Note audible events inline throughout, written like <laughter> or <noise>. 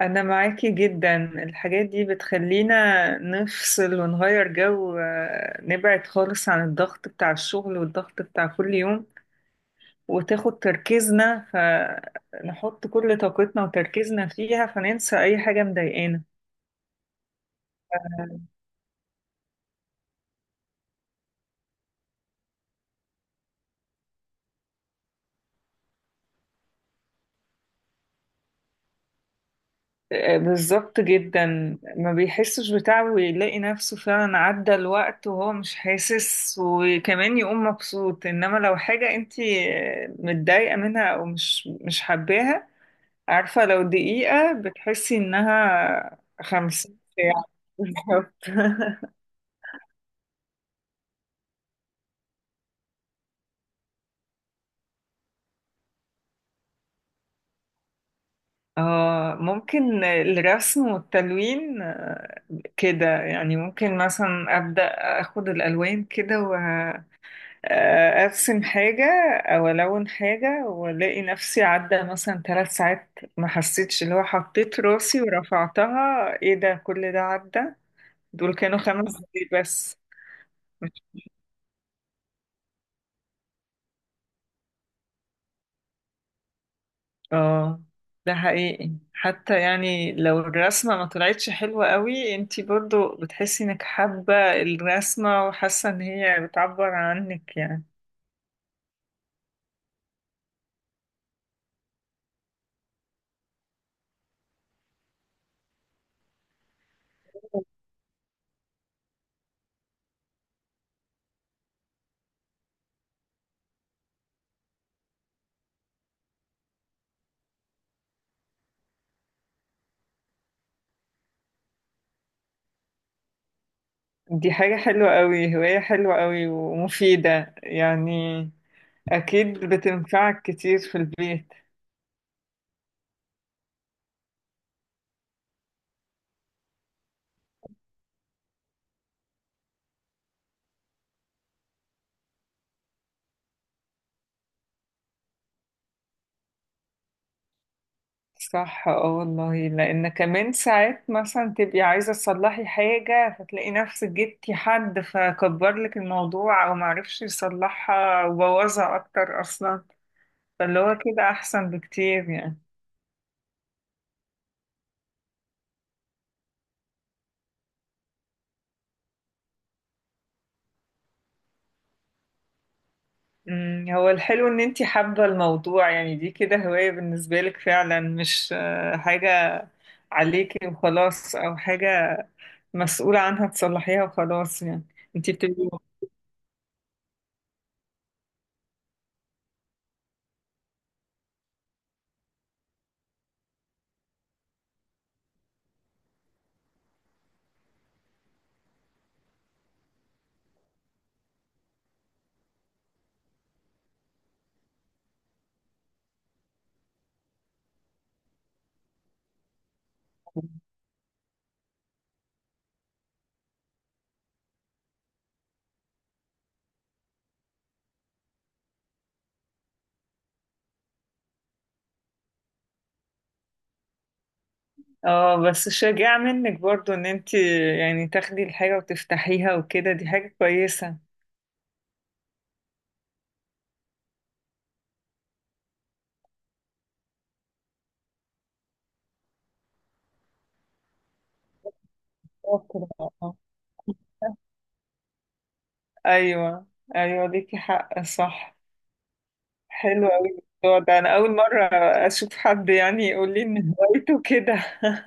أنا معاكي جدا. الحاجات دي بتخلينا نفصل ونغير جو، نبعد خالص عن الضغط بتاع الشغل والضغط بتاع كل يوم، وتاخد تركيزنا، فنحط كل طاقتنا وتركيزنا فيها فننسى أي حاجة مضايقانا. بالظبط جدا، ما بيحسش بتعب ويلاقي نفسه فعلا عدى الوقت وهو مش حاسس، وكمان يقوم مبسوط. إنما لو حاجة انتي متضايقة منها، أو مش حباها، عارفة لو دقيقة بتحسي إنها 50 ساعة. بالظبط <laughs> اه، ممكن الرسم والتلوين، كده يعني. ممكن مثلا أبدأ أخد الألوان كده وأرسم حاجة، أو ألون حاجة وألاقي نفسي عدى مثلا 3 ساعات ما حسيتش، اللي هو حطيت راسي ورفعتها إيه ده، كل ده عدى، دول كانوا 5 دقايق بس. اه، ده حقيقي، حتى يعني لو الرسمة ما طلعتش حلوة قوي انتي برضو بتحسي انك حابة الرسمة، وحاسة ان هي بتعبر عنك يعني. دي حاجة حلوة قوي، هواية حلوة قوي ومفيدة يعني، اكيد بتنفعك كتير في البيت. صح، اه والله، لان كمان ساعات مثلا تبقي عايزة تصلحي حاجة، فتلاقي نفسك جبتي حد فكبر لك الموضوع، او معرفش يصلحها وبوظها اكتر اصلا، فاللي هو كده احسن بكتير يعني. هو الحلو ان انتي حابة الموضوع يعني، دي كده هواية بالنسبة لك فعلا، مش حاجة عليكي وخلاص، او حاجة مسؤولة عنها تصلحيها وخلاص يعني. انتي بتبقي اه، بس شجاع منك برضو ان انتي يعني تاخدي الحاجة وتفتحيها وكده، دي حاجة كويسة. شاطرة، آه. ايوه، ايوه ليكي حق، صح. حلو اوي الموضوع ده، انا اول مرة اشوف حد يعني يقول لي ان هوايته كده <laughs>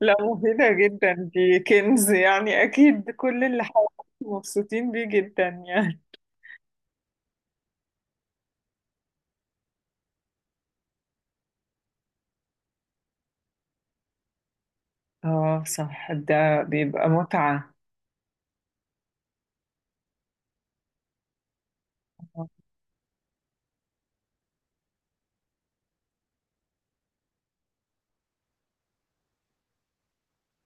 لا، مفيدة جدا، دي كنز يعني، أكيد كل اللي حواليك مبسوطين بيه جدا يعني. اه صح، ده بيبقى متعة.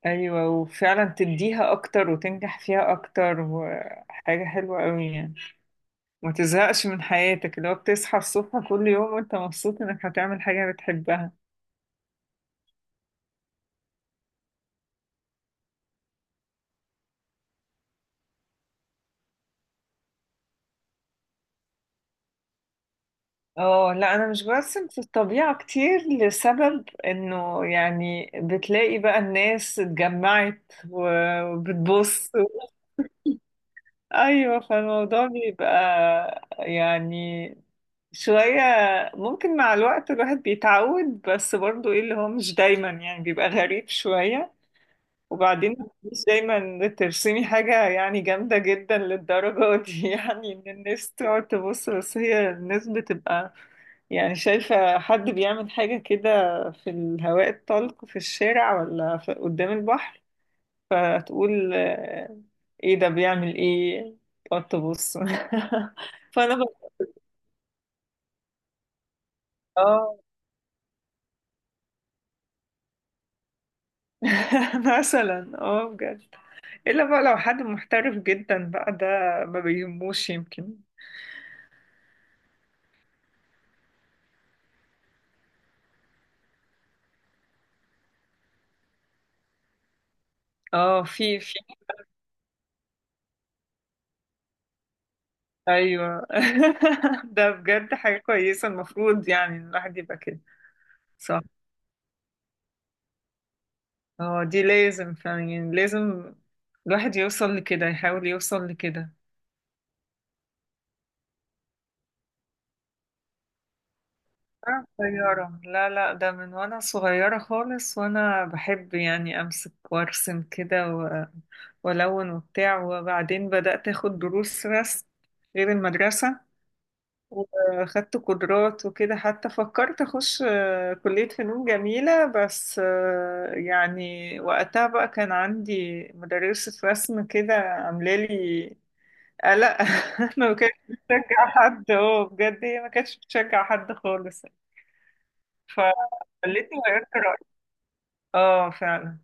أيوة، وفعلا تديها أكتر وتنجح فيها أكتر، وحاجة حلوة أوي يعني، ما تزهقش من حياتك لو بتصحى الصبح كل يوم وأنت مبسوط إنك هتعمل حاجة بتحبها. اه لا، انا مش برسم في الطبيعة كتير، لسبب انه يعني بتلاقي بقى الناس اتجمعت وبتبص. ايوه، فالموضوع بيبقى يعني شوية، ممكن مع الوقت الواحد بيتعود، بس برضو ايه اللي هو مش دايما يعني، بيبقى غريب شوية. وبعدين مش دايما ترسمي حاجة يعني جامدة جدا للدرجة دي <laughs> يعني ان الناس تقعد تبص، بس هي الناس بتبقى يعني شايفة حد بيعمل حاجة كده في الهواء الطلق في الشارع، ولا قدام البحر، فتقول ايه ده، بيعمل ايه، تقعد تبص <laughs> فانا بقى اه <laughs> مثلا اه بجد. الا بقى لو حد محترف جدا بقى، ده ما بيهموش يمكن. اه، في في ايوه <laughs> ده بجد حاجة كويسة، المفروض يعني إن الواحد يبقى كده. صح، اه دي لازم فعلا، يعني لازم الواحد يوصل لكده، يحاول يوصل لكده. أنا صغيرة، لا لا، ده من وأنا صغيرة خالص، وأنا بحب يعني أمسك وأرسم كده و... وألون وبتاع، وبعدين بدأت أخد دروس رسم غير المدرسة، وأخدت قدرات وكده، حتى فكرت أخش كلية فنون جميلة، بس يعني وقتها بقى كان عندي مدرسة رسم كده عاملة لي قلق <laughs> ما كانتش بتشجع حد. اه بجد، هي ما كانتش بتشجع حد خالص، فخلتني غيرت رأيي. اه فعلا.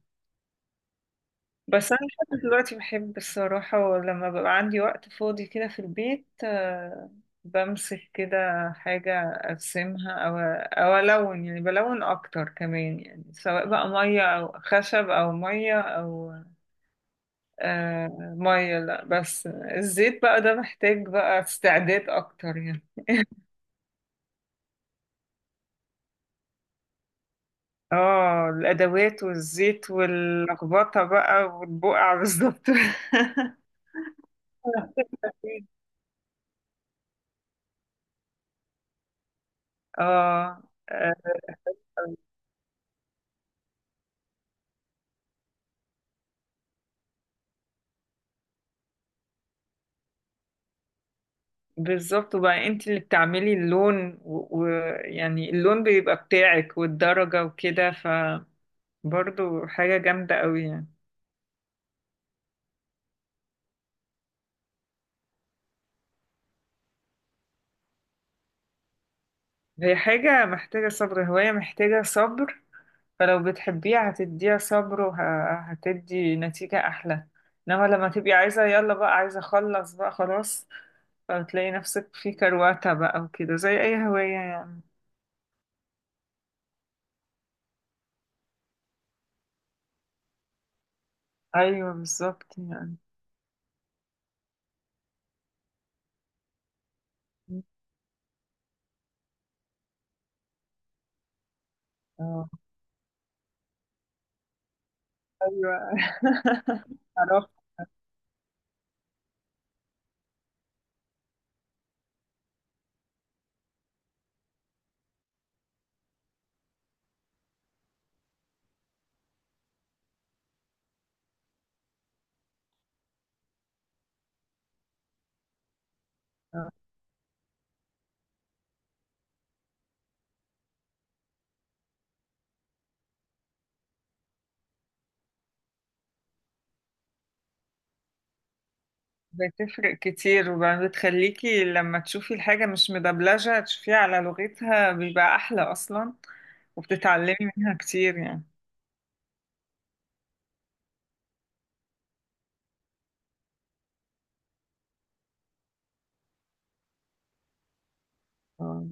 بس انا لحد دلوقتي بحب الصراحة، لما ببقى عندي وقت فاضي كده في البيت، بمسك كده حاجة ارسمها، او الون، يعني بلون اكتر كمان يعني، سواء بقى مية او خشب او مية او آه مية، لا بس الزيت بقى ده محتاج بقى استعداد اكتر يعني. اه الادوات والزيت واللخبطة بقى والبقع بالظبط <laughs> اه، آه، بالظبط، وبقى انت اللي بتعملي اللون، ويعني اللون بيبقى بتاعك والدرجة وكده، فبرضو حاجة جامدة قوي يعني. هي حاجة محتاجة صبر، هواية محتاجة صبر، فلو بتحبيها هتديها صبر وهتدي نتيجة أحلى، إنما لما تبقي عايزة يلا بقى، عايزة أخلص بقى خلاص، فتلاقي نفسك في كرواتة بقى وكده زي أي هواية يعني. أيوه بالظبط يعني. اه أيوه <laughs> عرفت. بتفرق كتير، وبتخليكي لما تشوفي الحاجة مش مدبلجة تشوفيها على لغتها بيبقى أحلى أصلا، وبتتعلمي منها كتير يعني. آه،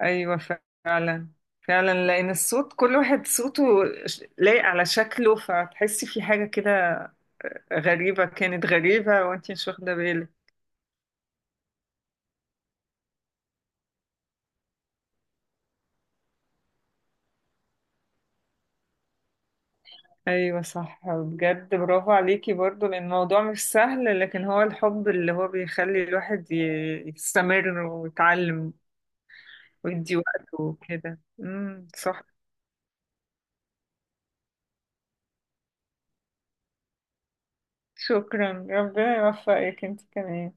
أيوة، فعلا. فعلا، لأن الصوت كل واحد صوته لايق على شكله، فتحسي في حاجة كده غريبة، كانت غريبة وانتي مش واخدة بالك. أيوة صح، بجد برافو عليكي برضو، لأن الموضوع مش سهل، لكن هو الحب اللي هو بيخلي الواحد يستمر ويتعلم، ويدي وقته وكده. امم، صح. شكرا، ربنا يوفقك انت كمان.